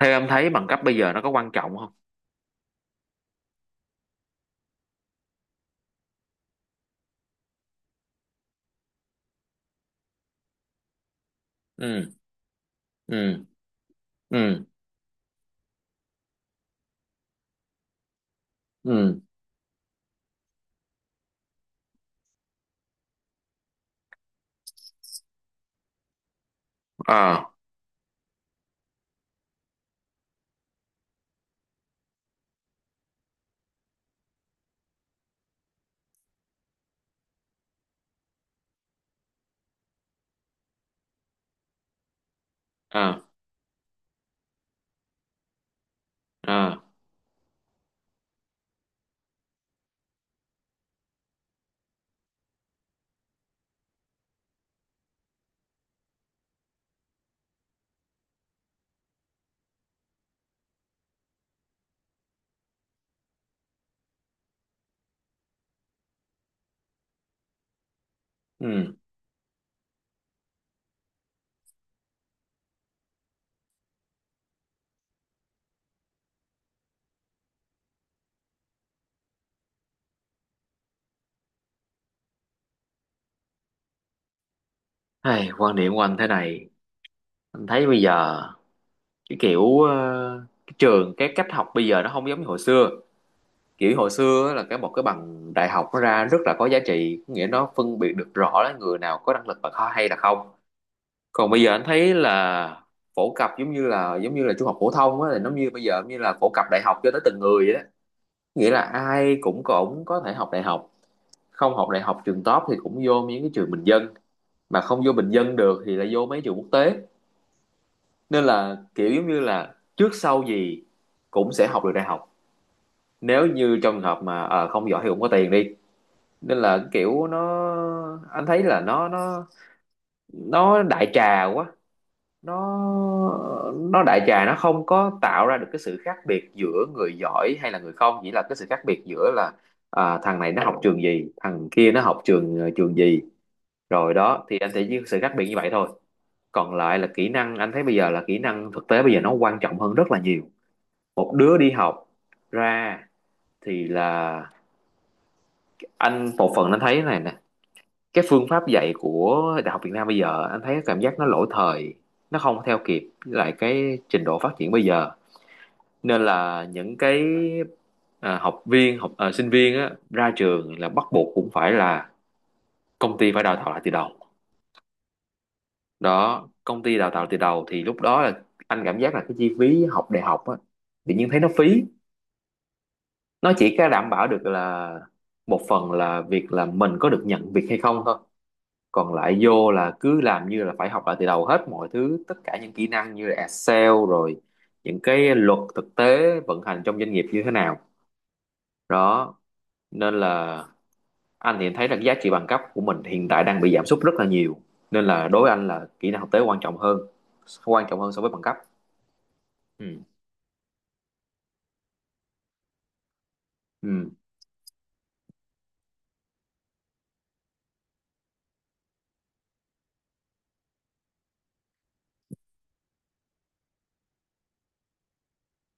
Theo em thấy bằng cấp bây giờ nó có quan trọng không? Ừ. Ừ. Ừ. Ừ. Ờ. Ờ. Ờ. Ừ. Hay quan điểm của anh thế này. Anh thấy bây giờ cái kiểu, cái trường cái cách học bây giờ nó không giống như hồi xưa. Kiểu hồi xưa á là một cái bằng đại học nó ra rất là có giá trị, có nghĩa nó phân biệt được rõ là người nào có năng lực và khó hay là không. Còn bây giờ anh thấy là phổ cập giống như là trung học phổ thông á, là giống như bây giờ như là phổ cập đại học cho tới từng người vậy đó. Nghĩa là ai cũng cũng có thể học đại học. Không học đại học trường top thì cũng vô những cái trường bình dân, mà không vô bình dân được thì lại vô mấy trường quốc tế, nên là kiểu giống như là trước sau gì cũng sẽ học được đại học. Nếu như trong trường hợp mà không giỏi thì cũng có tiền đi. Nên là kiểu nó, anh thấy là nó đại trà quá. Nó nó đại trà, nó không có tạo ra được cái sự khác biệt giữa người giỏi hay là người không, chỉ là cái sự khác biệt giữa là, à, thằng này nó học trường gì, thằng kia nó học trường gì. Rồi đó thì anh thấy sự khác biệt như vậy thôi, còn lại là kỹ năng. Anh thấy bây giờ là kỹ năng thực tế bây giờ nó quan trọng hơn rất là nhiều. Một đứa đi học ra thì là, anh một phần anh thấy thế này nè, cái phương pháp dạy của đại học Việt Nam bây giờ anh thấy cảm giác nó lỗi thời, nó không theo kịp với lại cái trình độ phát triển bây giờ. Nên là những cái, à, học viên học à, sinh viên á, ra trường là bắt buộc cũng phải là công ty phải đào tạo lại từ đầu. Đó, công ty đào tạo từ đầu thì lúc đó là anh cảm giác là cái chi phí học đại học á, tự nhiên thấy nó phí. Nó chỉ có đảm bảo được là một phần, là việc là mình có được nhận việc hay không thôi. Còn lại vô là cứ làm như là phải học lại từ đầu hết mọi thứ, tất cả những kỹ năng như là Excel rồi những cái luật thực tế vận hành trong doanh nghiệp như thế nào. Đó, nên là anh thì thấy là cái giá trị bằng cấp của mình hiện tại đang bị giảm sút rất là nhiều. Nên là đối với anh là kỹ năng thực tế quan trọng hơn, quan trọng hơn so với bằng cấp. Ừ. Ừ.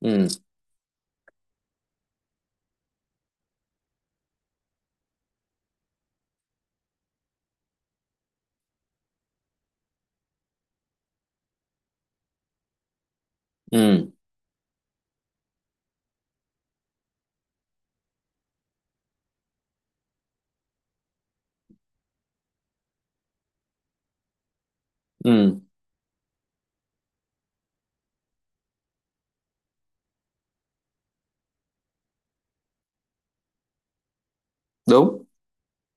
Ừ. Ừ. Ừ. Đúng.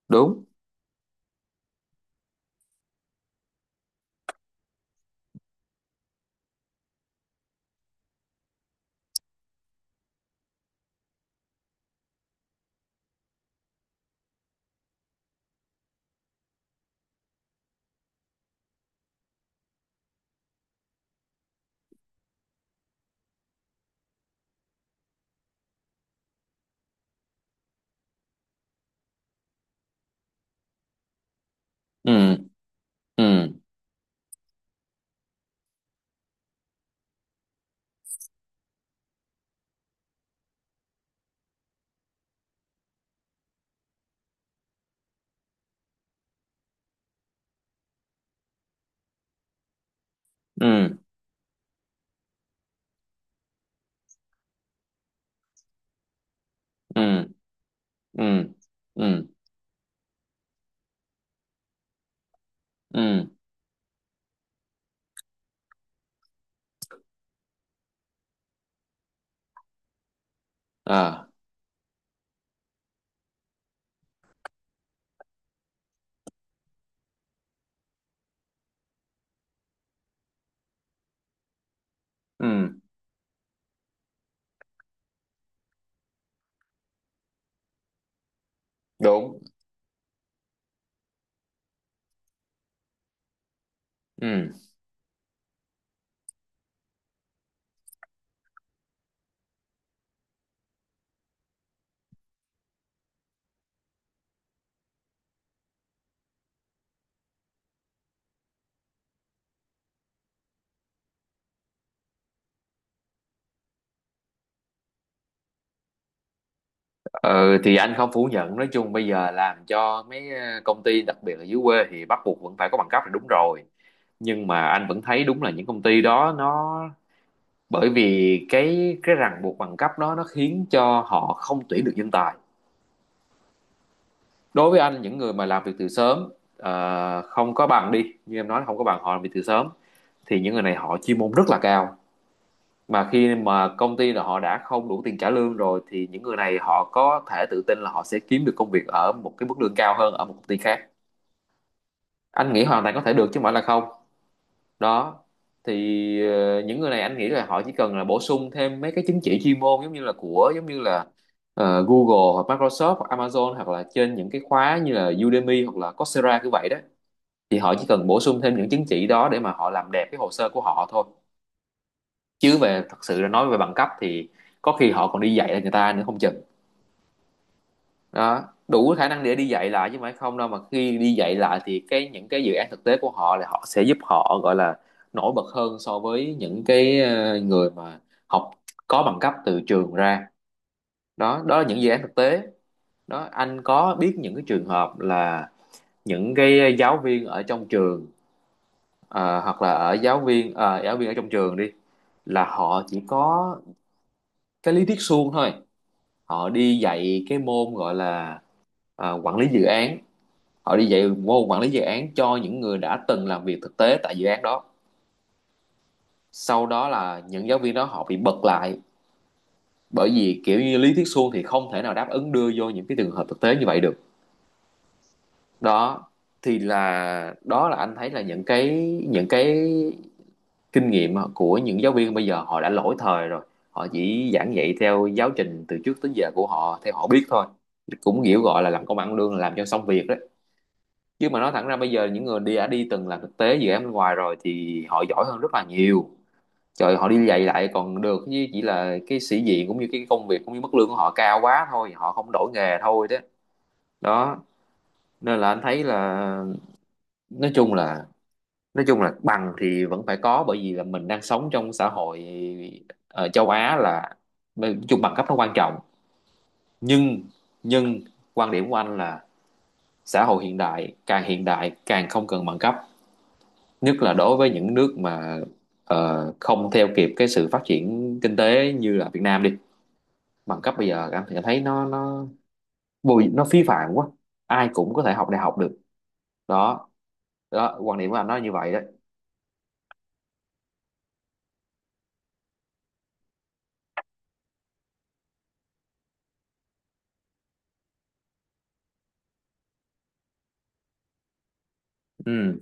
Đúng. Ừ. Ừ. Ừ. Ừ. Ừ. Ừ. Ừ. À. Ừ. Đúng. Ừ. Ờ, thì anh không phủ nhận, nói chung bây giờ làm cho mấy công ty đặc biệt là dưới quê thì bắt buộc vẫn phải có bằng cấp là đúng rồi. Nhưng mà anh vẫn thấy đúng là những công ty đó nó, bởi vì cái ràng buộc bằng cấp đó nó khiến cho họ không tuyển được nhân tài. Đối với anh những người mà làm việc từ sớm, không có bằng đi như em nói, không có bằng họ làm việc từ sớm, thì những người này họ chuyên môn rất là cao. Mà khi mà công ty là họ đã không đủ tiền trả lương rồi thì những người này họ có thể tự tin là họ sẽ kiếm được công việc ở một cái mức lương cao hơn ở một công ty khác. Anh nghĩ hoàn toàn có thể được chứ không phải là không. Đó thì, những người này anh nghĩ là họ chỉ cần là bổ sung thêm mấy cái chứng chỉ chuyên môn giống như là của giống như là Google hoặc Microsoft hoặc Amazon, hoặc là trên những cái khóa như là Udemy hoặc là Coursera như vậy đó. Thì họ chỉ cần bổ sung thêm những chứng chỉ đó để mà họ làm đẹp cái hồ sơ của họ thôi. Chứ về thật sự là nói về bằng cấp thì có khi họ còn đi dạy lại người ta nữa không chừng. Đó, đủ khả năng để đi dạy lại chứ không phải không đâu. Mà khi đi dạy lại thì cái những cái dự án thực tế của họ là họ sẽ giúp họ, gọi là, nổi bật hơn so với những cái người mà học có bằng cấp từ trường ra. Đó, đó là những dự án thực tế. Đó, anh có biết những cái trường hợp là những cái giáo viên ở trong trường, Ờ, hoặc là ở giáo viên ở trong trường đi, là họ chỉ có cái lý thuyết suông thôi. Họ đi dạy cái môn gọi là quản lý dự án. Họ đi dạy môn quản lý dự án cho những người đã từng làm việc thực tế tại dự án đó. Sau đó là những giáo viên đó họ bị bật lại, bởi vì kiểu như lý thuyết suông thì không thể nào đáp ứng đưa vô những cái trường hợp thực tế như vậy được. Đó, thì là đó là anh thấy là những cái kinh nghiệm của những giáo viên bây giờ họ đã lỗi thời rồi. Họ chỉ giảng dạy theo giáo trình từ trước tới giờ của họ theo họ biết thôi, cũng kiểu gọi là làm công ăn lương làm cho xong việc đấy. Chứ mà nói thẳng ra bây giờ những người đi đã đi từng làm thực tế dự án bên ngoài rồi thì họ giỏi hơn rất là nhiều. Trời, họ đi dạy lại còn được chứ, chỉ là cái sĩ diện cũng như cái công việc cũng như mức lương của họ cao quá thôi họ không đổi nghề thôi đó. Đó, nên là anh thấy là, nói chung là, bằng thì vẫn phải có, bởi vì là mình đang sống trong xã hội ở châu Á là nói chung bằng cấp nó quan trọng. Nhưng nhưng quan điểm của anh là xã hội hiện đại, càng hiện đại càng không cần bằng cấp. Nhất là đối với những nước mà không theo kịp cái sự phát triển kinh tế như là Việt Nam đi. Bằng cấp bây giờ anh thì thấy nó bùi nó phí phạm quá. Ai cũng có thể học đại học được. Đó, đó quan điểm của anh nói như vậy đấy. Ừ.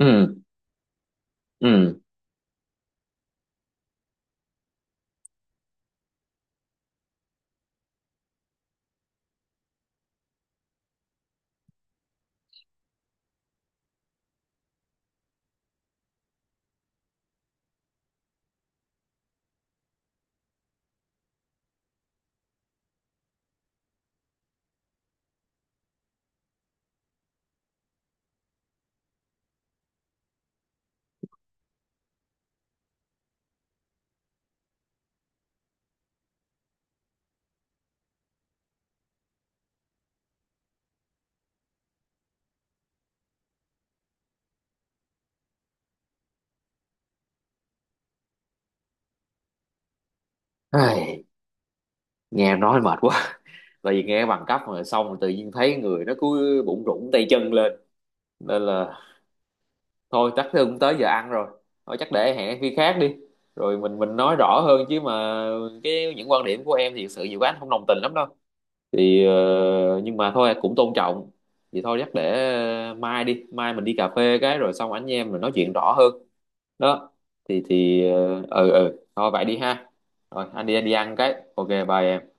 Ừ. Ừ. Ai, nghe nói mệt quá, tại vì nghe bằng cấp rồi xong rồi tự nhiên thấy người nó cứ bụng rủn tay chân lên. Nên là thôi, chắc cũng tới giờ ăn rồi, thôi chắc để hẹn khi khác đi. Rồi mình nói rõ hơn, chứ mà cái những quan điểm của em thì thực sự nhiều quá anh không đồng tình lắm đâu. Thì nhưng mà thôi cũng tôn trọng. Thì thôi chắc để mai đi, mai mình đi cà phê cái rồi xong anh em mình nói chuyện rõ hơn. Đó. Thì thôi vậy đi ha. Rồi anh đi, anh đi ăn cái, ok bye em.